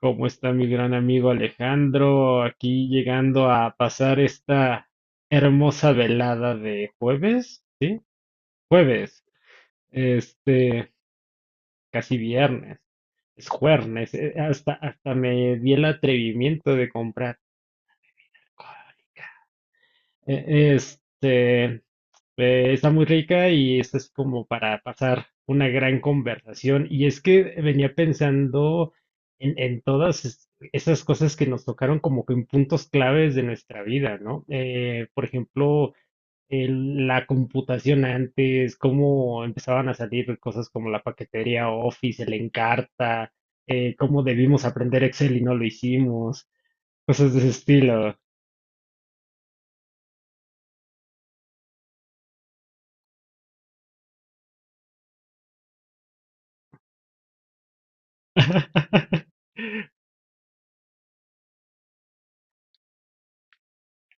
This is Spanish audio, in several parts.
¿Cómo está mi gran amigo Alejandro? Aquí llegando a pasar esta hermosa velada de jueves, ¿sí? Jueves, este, casi viernes, es jueves, hasta me di el atrevimiento de comprar. Eh, Este, Está muy rica y esta es como para pasar una gran conversación. Y es que venía pensando en todas esas cosas que nos tocaron como que en puntos claves de nuestra vida, ¿no? Por ejemplo, la computación antes, cómo empezaban a salir cosas como la paquetería Office, el Encarta, cómo debimos aprender Excel y no lo hicimos, cosas de ese estilo.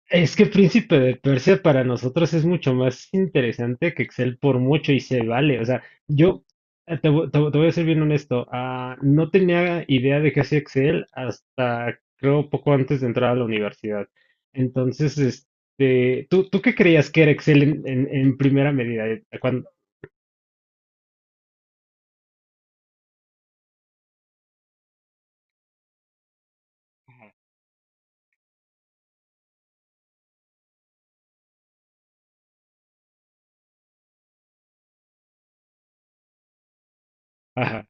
Es que Príncipe de Persia para nosotros es mucho más interesante que Excel por mucho y se vale. O sea, yo te voy a ser bien honesto, no tenía idea de qué hacía Excel hasta creo poco antes de entrar a la universidad. Entonces, ¿tú qué creías que era Excel en, en primera medida? Ajá.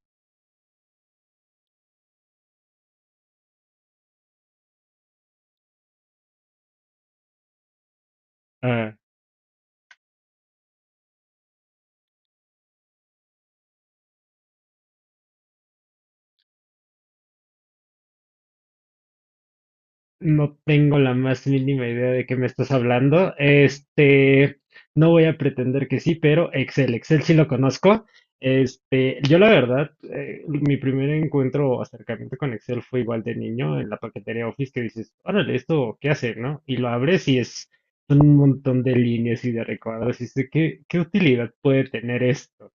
No tengo la más mínima idea de qué me estás hablando. No voy a pretender que sí, pero Excel, Excel sí lo conozco. Yo la verdad, mi primer encuentro o acercamiento con Excel fue igual de niño en la paquetería Office que dices, órale, esto, ¿qué hace, no? Y lo abres y es un montón de líneas y de recuadros y dices, ¿qué, qué utilidad puede tener esto?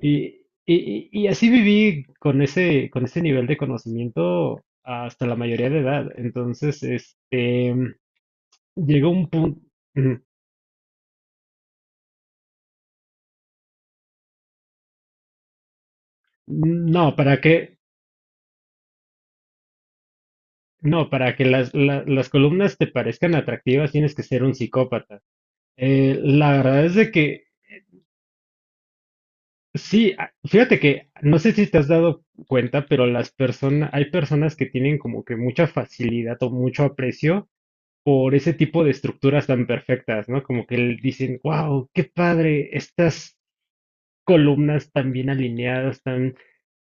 Y, y así viví con ese nivel de conocimiento hasta la mayoría de edad. Entonces, llegó un punto, no, para que, no, para que las columnas te parezcan atractivas tienes que ser un psicópata. La verdad es de que sí, fíjate que no sé si te has dado cuenta, pero las personas, hay personas que tienen como que mucha facilidad o mucho aprecio por ese tipo de estructuras tan perfectas, ¿no? Como que dicen, wow, qué padre, estas columnas tan bien alineadas, tan,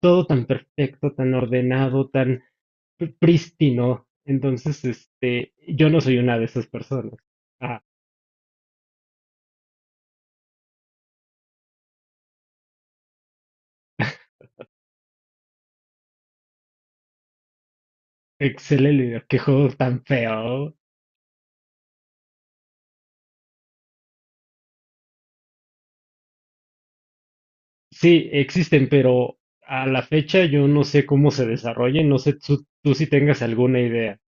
todo tan perfecto, tan ordenado, tan prístino. Entonces, yo no soy una de esas personas. Ah, excelente, qué juego tan feo. Sí, existen, pero a la fecha yo no sé cómo se desarrollen, no sé tú si tengas alguna idea.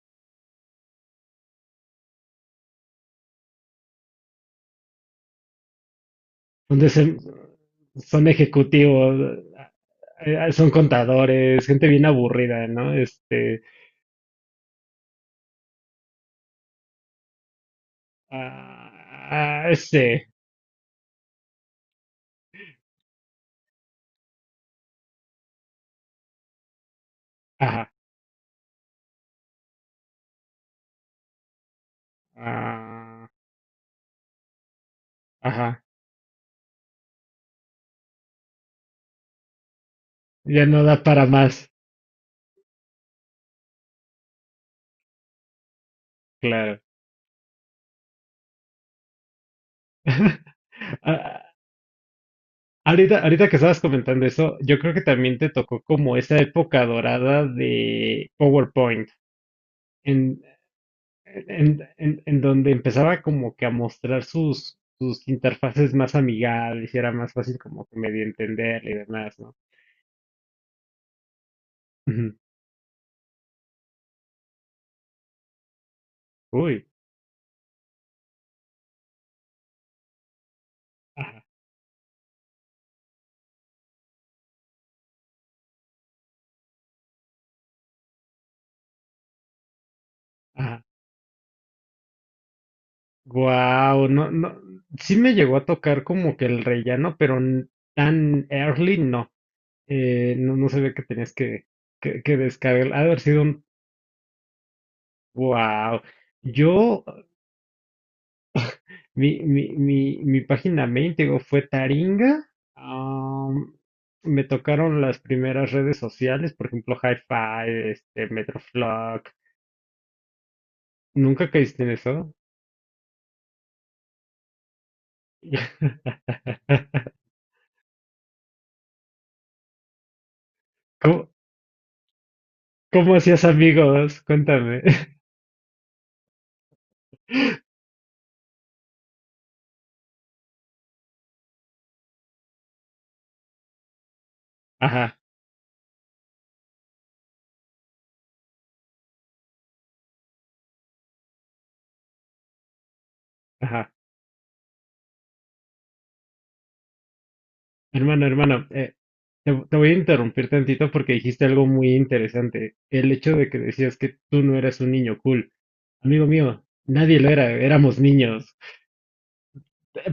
donde se- Son ejecutivos, son contadores, gente bien aburrida, ¿no? Ah, ah, este, ajá. ah, ajá, ya no da para más, claro. Ah, ahorita que estabas comentando eso, yo creo que también te tocó como esa época dorada de PowerPoint. En, en donde empezaba como que a mostrar sus, sus interfaces más amigables y era más fácil como que medio entender y demás, ¿no? Ujú. Uy, ajá, ajá. Guau, no, no, sí me llegó a tocar como que el rellano, pero tan early no. No, no sabía que tenías que descargar. Ha de haber sido un, wow. Yo. Mi página main, te digo, fue Taringa. Am, Me tocaron las primeras redes sociales, por ejemplo, Hi-Fi, Metroflog. ¿Nunca caíste en eso? ¿Cómo, cómo hacías amigos? Cuéntame. Ajá, ajá. Hermano, te voy a interrumpir tantito porque dijiste algo muy interesante. El hecho de que decías que tú no eras un niño cool. Amigo mío, nadie lo era, éramos niños.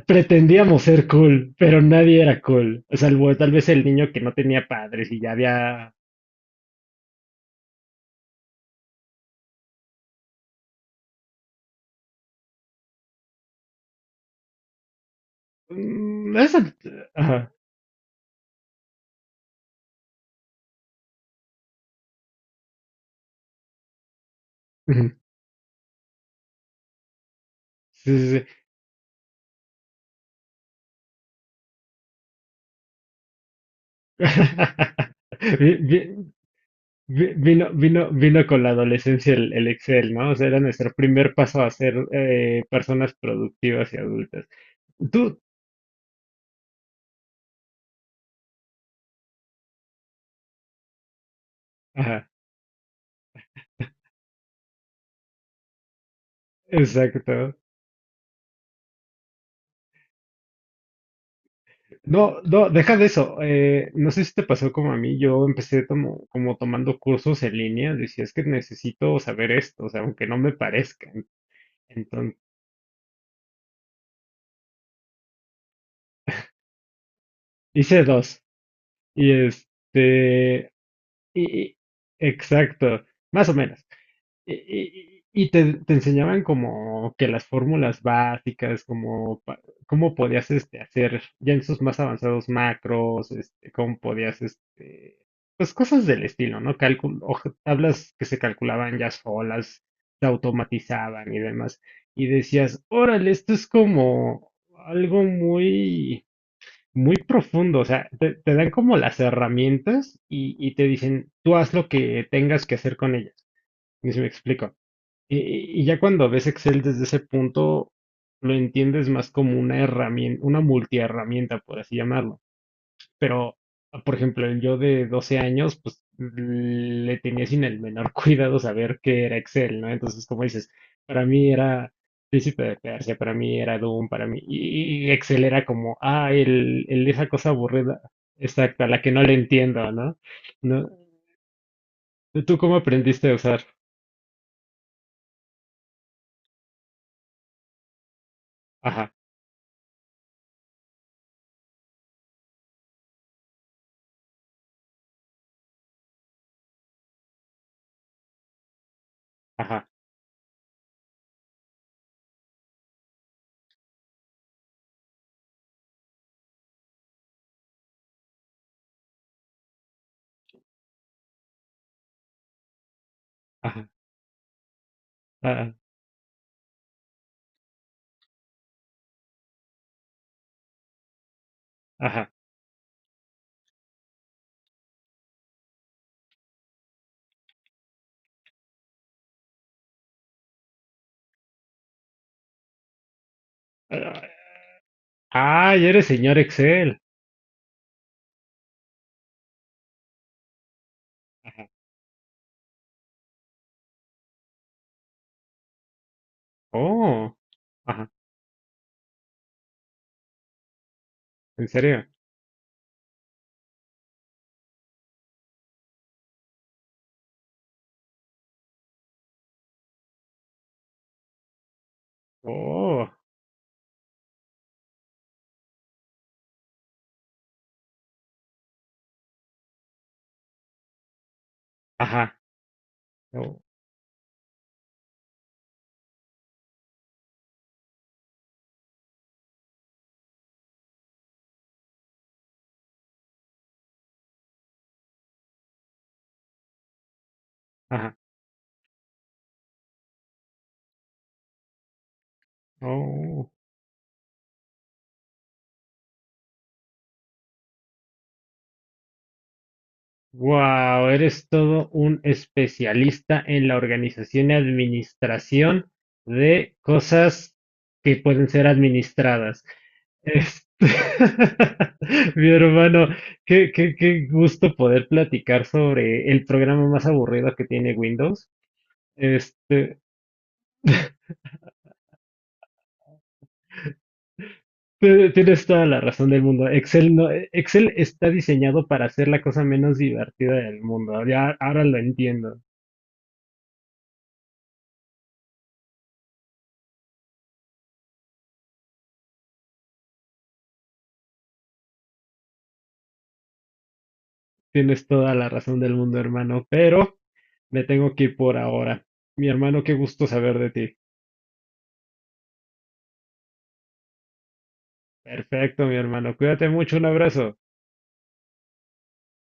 Pretendíamos ser cool, pero nadie era cool. O sea, salvo tal vez el niño que no tenía padres y ya había... Mm, esa- Ajá. Ujú. Sí, sí, sí. Vi- vi- vino con la adolescencia el Excel, ¿no? O sea, era nuestro primer paso a ser personas productivas y adultas. Tú, ajá, exacto. No, no, deja de eso. No sé si te pasó como a mí. Yo empecé como, como tomando cursos en línea. Decía, es que necesito saber esto, o sea, aunque no me parezcan. Entonces, hice dos. Y y, y- exacto, más o menos. Y te enseñaban como que las fórmulas básicas, como cómo podías hacer ya en sus más avanzados macros, cómo podías, pues cosas del estilo, ¿no? Cálculo, tablas que se calculaban ya solas, se automatizaban y demás. Y decías, órale, esto es como algo muy, muy profundo. O sea, te dan como las herramientas y te dicen, tú haz lo que tengas que hacer con ellas. No sé si me explico. Y ya cuando ves Excel desde ese punto, lo entiendes más como una herramienta, una multiherramienta, por así llamarlo. Pero, por ejemplo, el yo de 12 años, pues le tenía sin el menor cuidado saber qué era Excel, ¿no? Entonces, como dices, para mí era Príncipe de Persia, para mí era Doom, para mí, y Excel era como, ah, el, esa cosa aburrida, exacta, la que no le entiendo, ¿no? ¿No? ¿Tú cómo aprendiste a usar? Ajá, ajá, ajá, ajá, ajá. Ah, ya eres señor Excel. Ajá. Oh, ajá, ¿en serio? Oh, ajá, oh, ajá, oh. Wow, eres todo un especialista en la organización y administración de cosas que pueden ser administradas. Este, Mi hermano, qué, qué, qué gusto poder platicar sobre el programa más aburrido que tiene Windows. Este, Tienes toda la razón del mundo. Excel no, Excel está diseñado para ser la cosa menos divertida del mundo. Ya ahora lo entiendo. Tienes toda la razón del mundo, hermano, pero me tengo que ir por ahora. Mi hermano, qué gusto saber de ti. Perfecto, mi hermano. Cuídate mucho, un abrazo.